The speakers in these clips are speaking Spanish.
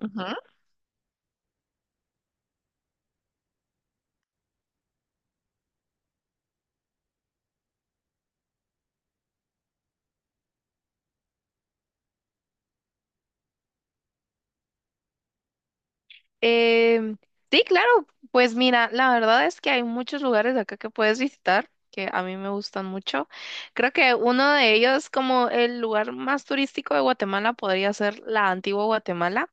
Ujú. Em, sí, claro, pues mira, la verdad es que hay muchos lugares acá que puedes visitar que a mí me gustan mucho. Creo que uno de ellos, como el lugar más turístico de Guatemala, podría ser la antigua Guatemala,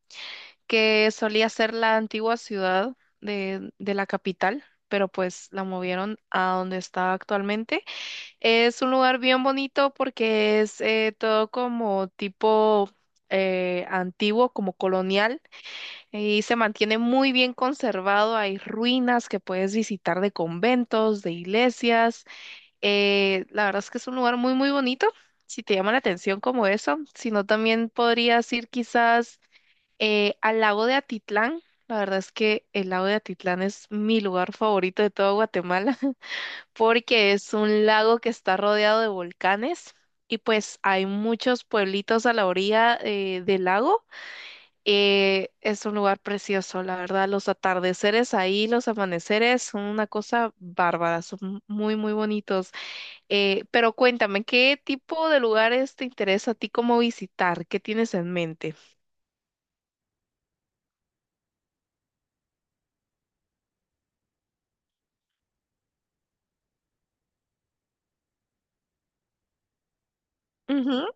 que solía ser la antigua ciudad de la capital, pero pues la movieron a donde está actualmente. Es un lugar bien bonito porque es todo como tipo antiguo, como colonial. Y se mantiene muy bien conservado, hay ruinas que puedes visitar de conventos, de iglesias. La verdad es que es un lugar muy bonito, si te llama la atención como eso. Si no, también podrías ir quizás al lago de Atitlán. La verdad es que el lago de Atitlán es mi lugar favorito de todo Guatemala, porque es un lago que está rodeado de volcanes y pues hay muchos pueblitos a la orilla del lago. Es un lugar precioso, la verdad. Los atardeceres ahí, los amaneceres son una cosa bárbara, son muy bonitos. Pero cuéntame, ¿qué tipo de lugares te interesa a ti como visitar? ¿Qué tienes en mente? Ujú.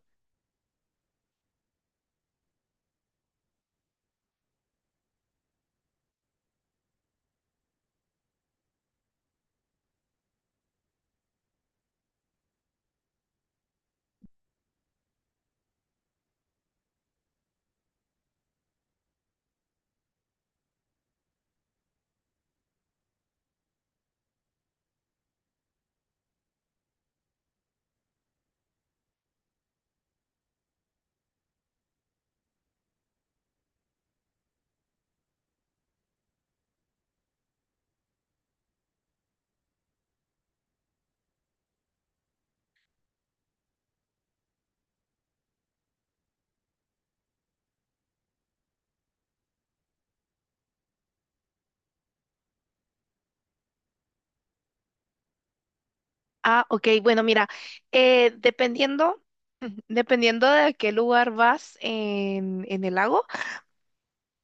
Ah, ok, bueno, mira, eh, dependiendo, dependiendo de a qué lugar vas en el lago.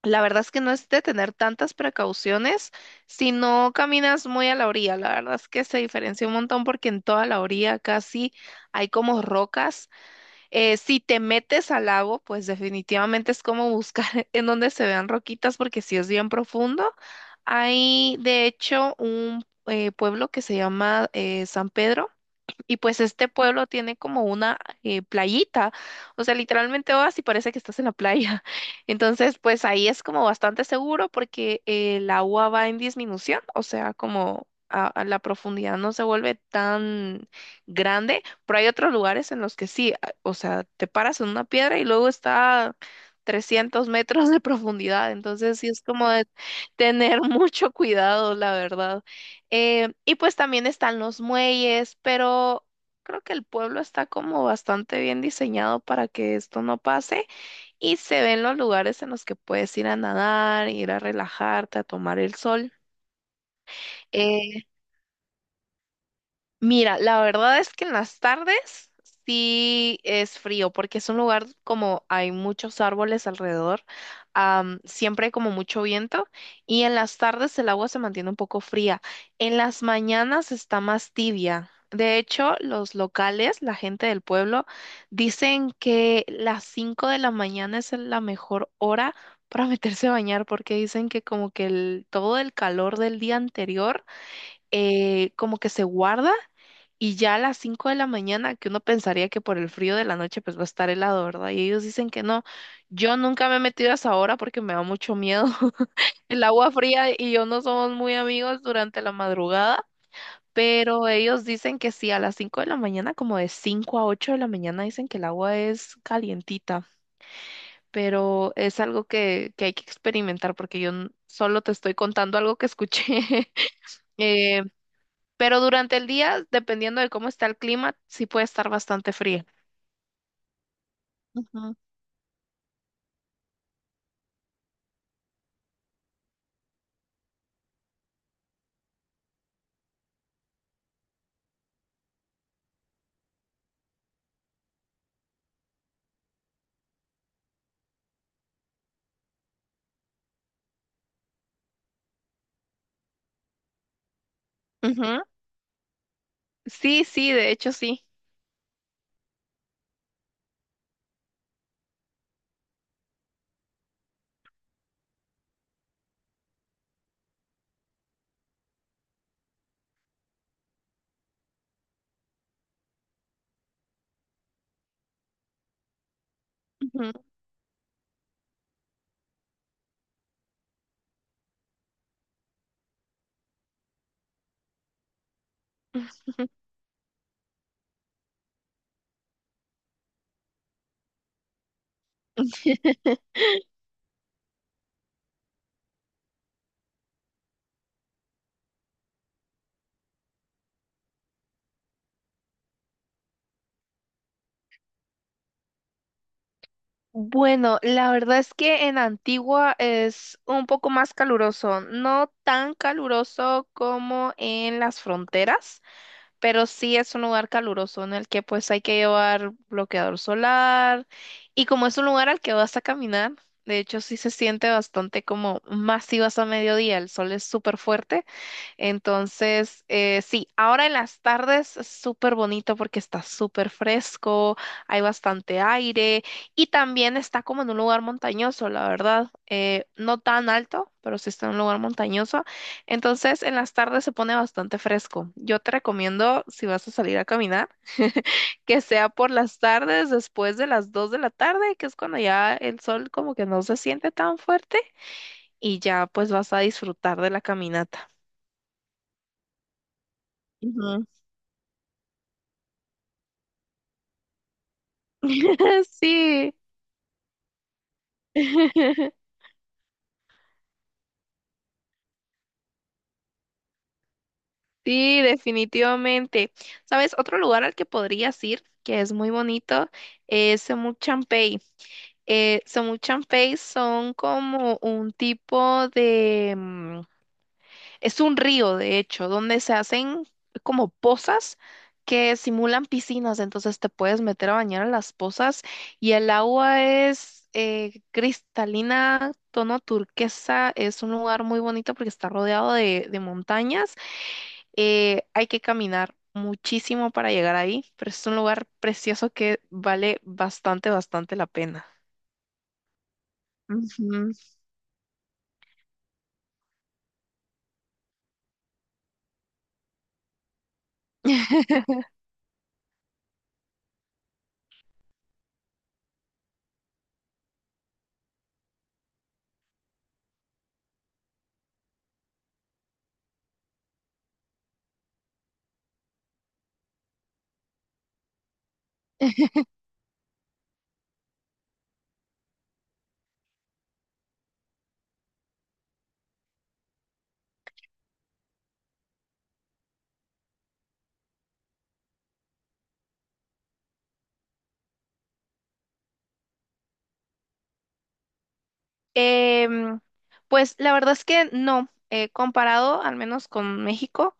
La verdad es que no es de tener tantas precauciones si no caminas muy a la orilla. La verdad es que se diferencia un montón porque en toda la orilla casi hay como rocas. Si te metes al lago, pues definitivamente es como buscar en donde se vean roquitas porque si es bien profundo. Hay de hecho un pueblo que se llama San Pedro y pues este pueblo tiene como una playita, o sea, literalmente vas y parece que estás en la playa. Entonces, pues ahí es como bastante seguro porque el agua va en disminución, o sea, a la profundidad no se vuelve tan grande, pero hay otros lugares en los que sí, o sea, te paras en una piedra y luego está 300 metros de profundidad, entonces sí es como de tener mucho cuidado, la verdad. Y pues también están los muelles, pero creo que el pueblo está como bastante bien diseñado para que esto no pase y se ven los lugares en los que puedes ir a nadar, ir a relajarte, a tomar el sol. Eh, Mira, la verdad es que en las tardes sí es frío, porque es un lugar como hay muchos árboles alrededor, siempre hay como mucho viento, y en las tardes el agua se mantiene un poco fría. En las mañanas está más tibia. De hecho, los locales, la gente del pueblo, dicen que las 5 de la mañana es la mejor hora para meterse a bañar, porque dicen que todo el calor del día anterior como que se guarda y ya a las 5 de la mañana, que uno pensaría que por el frío de la noche pues va a estar helado, ¿verdad? Y ellos dicen que no. Yo nunca me he metido a esa hora porque me da mucho miedo. El agua fría y yo no somos muy amigos durante la madrugada, pero ellos dicen que sí, a las 5 de la mañana, como de 5 a 8 de la mañana, dicen que el agua es calientita, pero es algo que hay que experimentar porque solo te estoy contando algo que escuché. Eh, pero durante el día, dependiendo de cómo está el clima, sí puede estar bastante fría. Ujú. Ujú. Sí, sí, de hecho sí. Ujú. Bueno, la verdad es que en Antigua es un poco más caluroso, no tan caluroso como en las fronteras, pero sí es un lugar caluroso en el que pues hay que llevar bloqueador solar y como es un lugar al que vas a caminar, de hecho sí se siente bastante como más si vas a mediodía, el sol es súper fuerte. Entonces, sí, ahora en las tardes es súper bonito porque está súper fresco, hay bastante aire y también está como en un lugar montañoso, la verdad. No tan alto, pero sí está en un lugar montañoso. Entonces, en las tardes se pone bastante fresco. Yo te recomiendo, si vas a salir a caminar, que sea por las tardes, después de las 2 de la tarde, que es cuando ya el sol como que no se siente tan fuerte y ya pues vas a disfrutar de la caminata. Sí, sí, definitivamente. ¿Sabes? Otro lugar al que podrías ir, que es muy bonito, es Semuchampey. Semuchampey son como un tipo de... Es un río, de hecho, donde se hacen como pozas que simulan piscinas, entonces te puedes meter a bañar a las pozas y el agua es cristalina, tono turquesa, es un lugar muy bonito porque está rodeado de montañas. Hay que caminar muchísimo para llegar ahí, pero es un lugar precioso que vale bastante, bastante la pena. Ujú. Em, pues la verdad es que no, comparado al menos con México,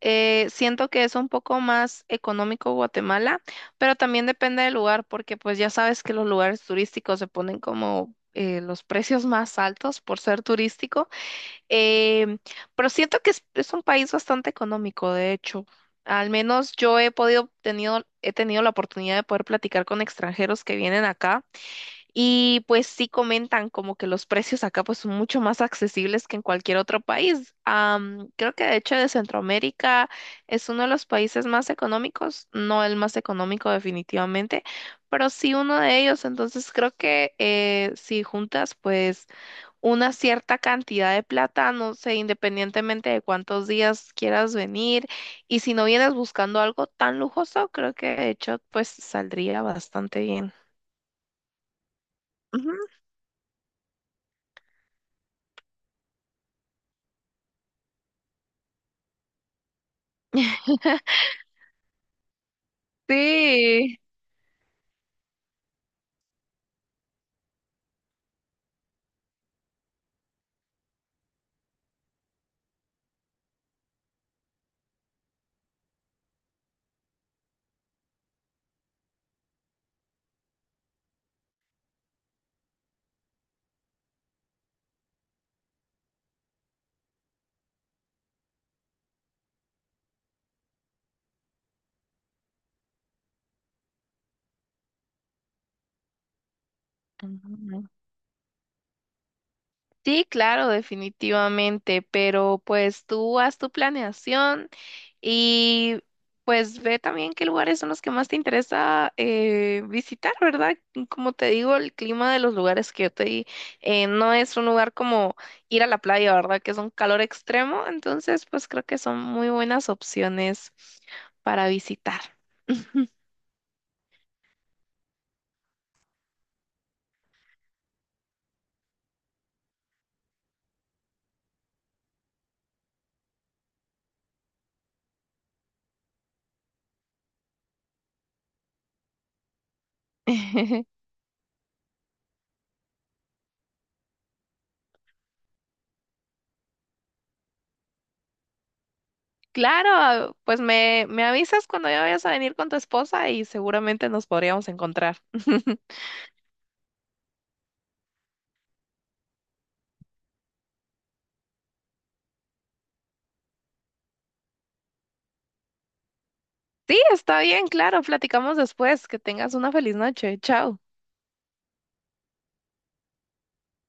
siento que es un poco más económico Guatemala, pero también depende del lugar, porque pues ya sabes que los lugares turísticos se ponen como los precios más altos por ser turístico, em, pero siento que es un país bastante económico, de hecho. Al menos yo he he tenido la oportunidad de poder platicar con extranjeros que vienen acá. Y pues sí comentan como que los precios acá pues son mucho más accesibles que en cualquier otro país. Creo que de hecho de Centroamérica es uno de los países más económicos, no el más económico definitivamente, pero sí uno de ellos. Entonces creo que si juntas pues una cierta cantidad de plata, no sé, independientemente de cuántos días quieras venir, y si no vienes buscando algo tan lujoso, creo que de hecho pues saldría bastante bien. Ujú. Sí. Ujú. Sí, claro, definitivamente, pero pues tú haz tu planeación y pues ve también qué lugares son los que más te interesa visitar, ¿verdad? Y como te digo, el clima de los lugares que yo te di no es un lugar como ir a la playa, ¿verdad? Que es un calor extremo, entonces pues creo que son muy buenas opciones para visitar. Claro, pues me avisas cuando ya vayas a venir con tu esposa y seguramente nos podríamos encontrar. Sí, está bien, claro, platicamos después. Que tengas una feliz noche. Chao.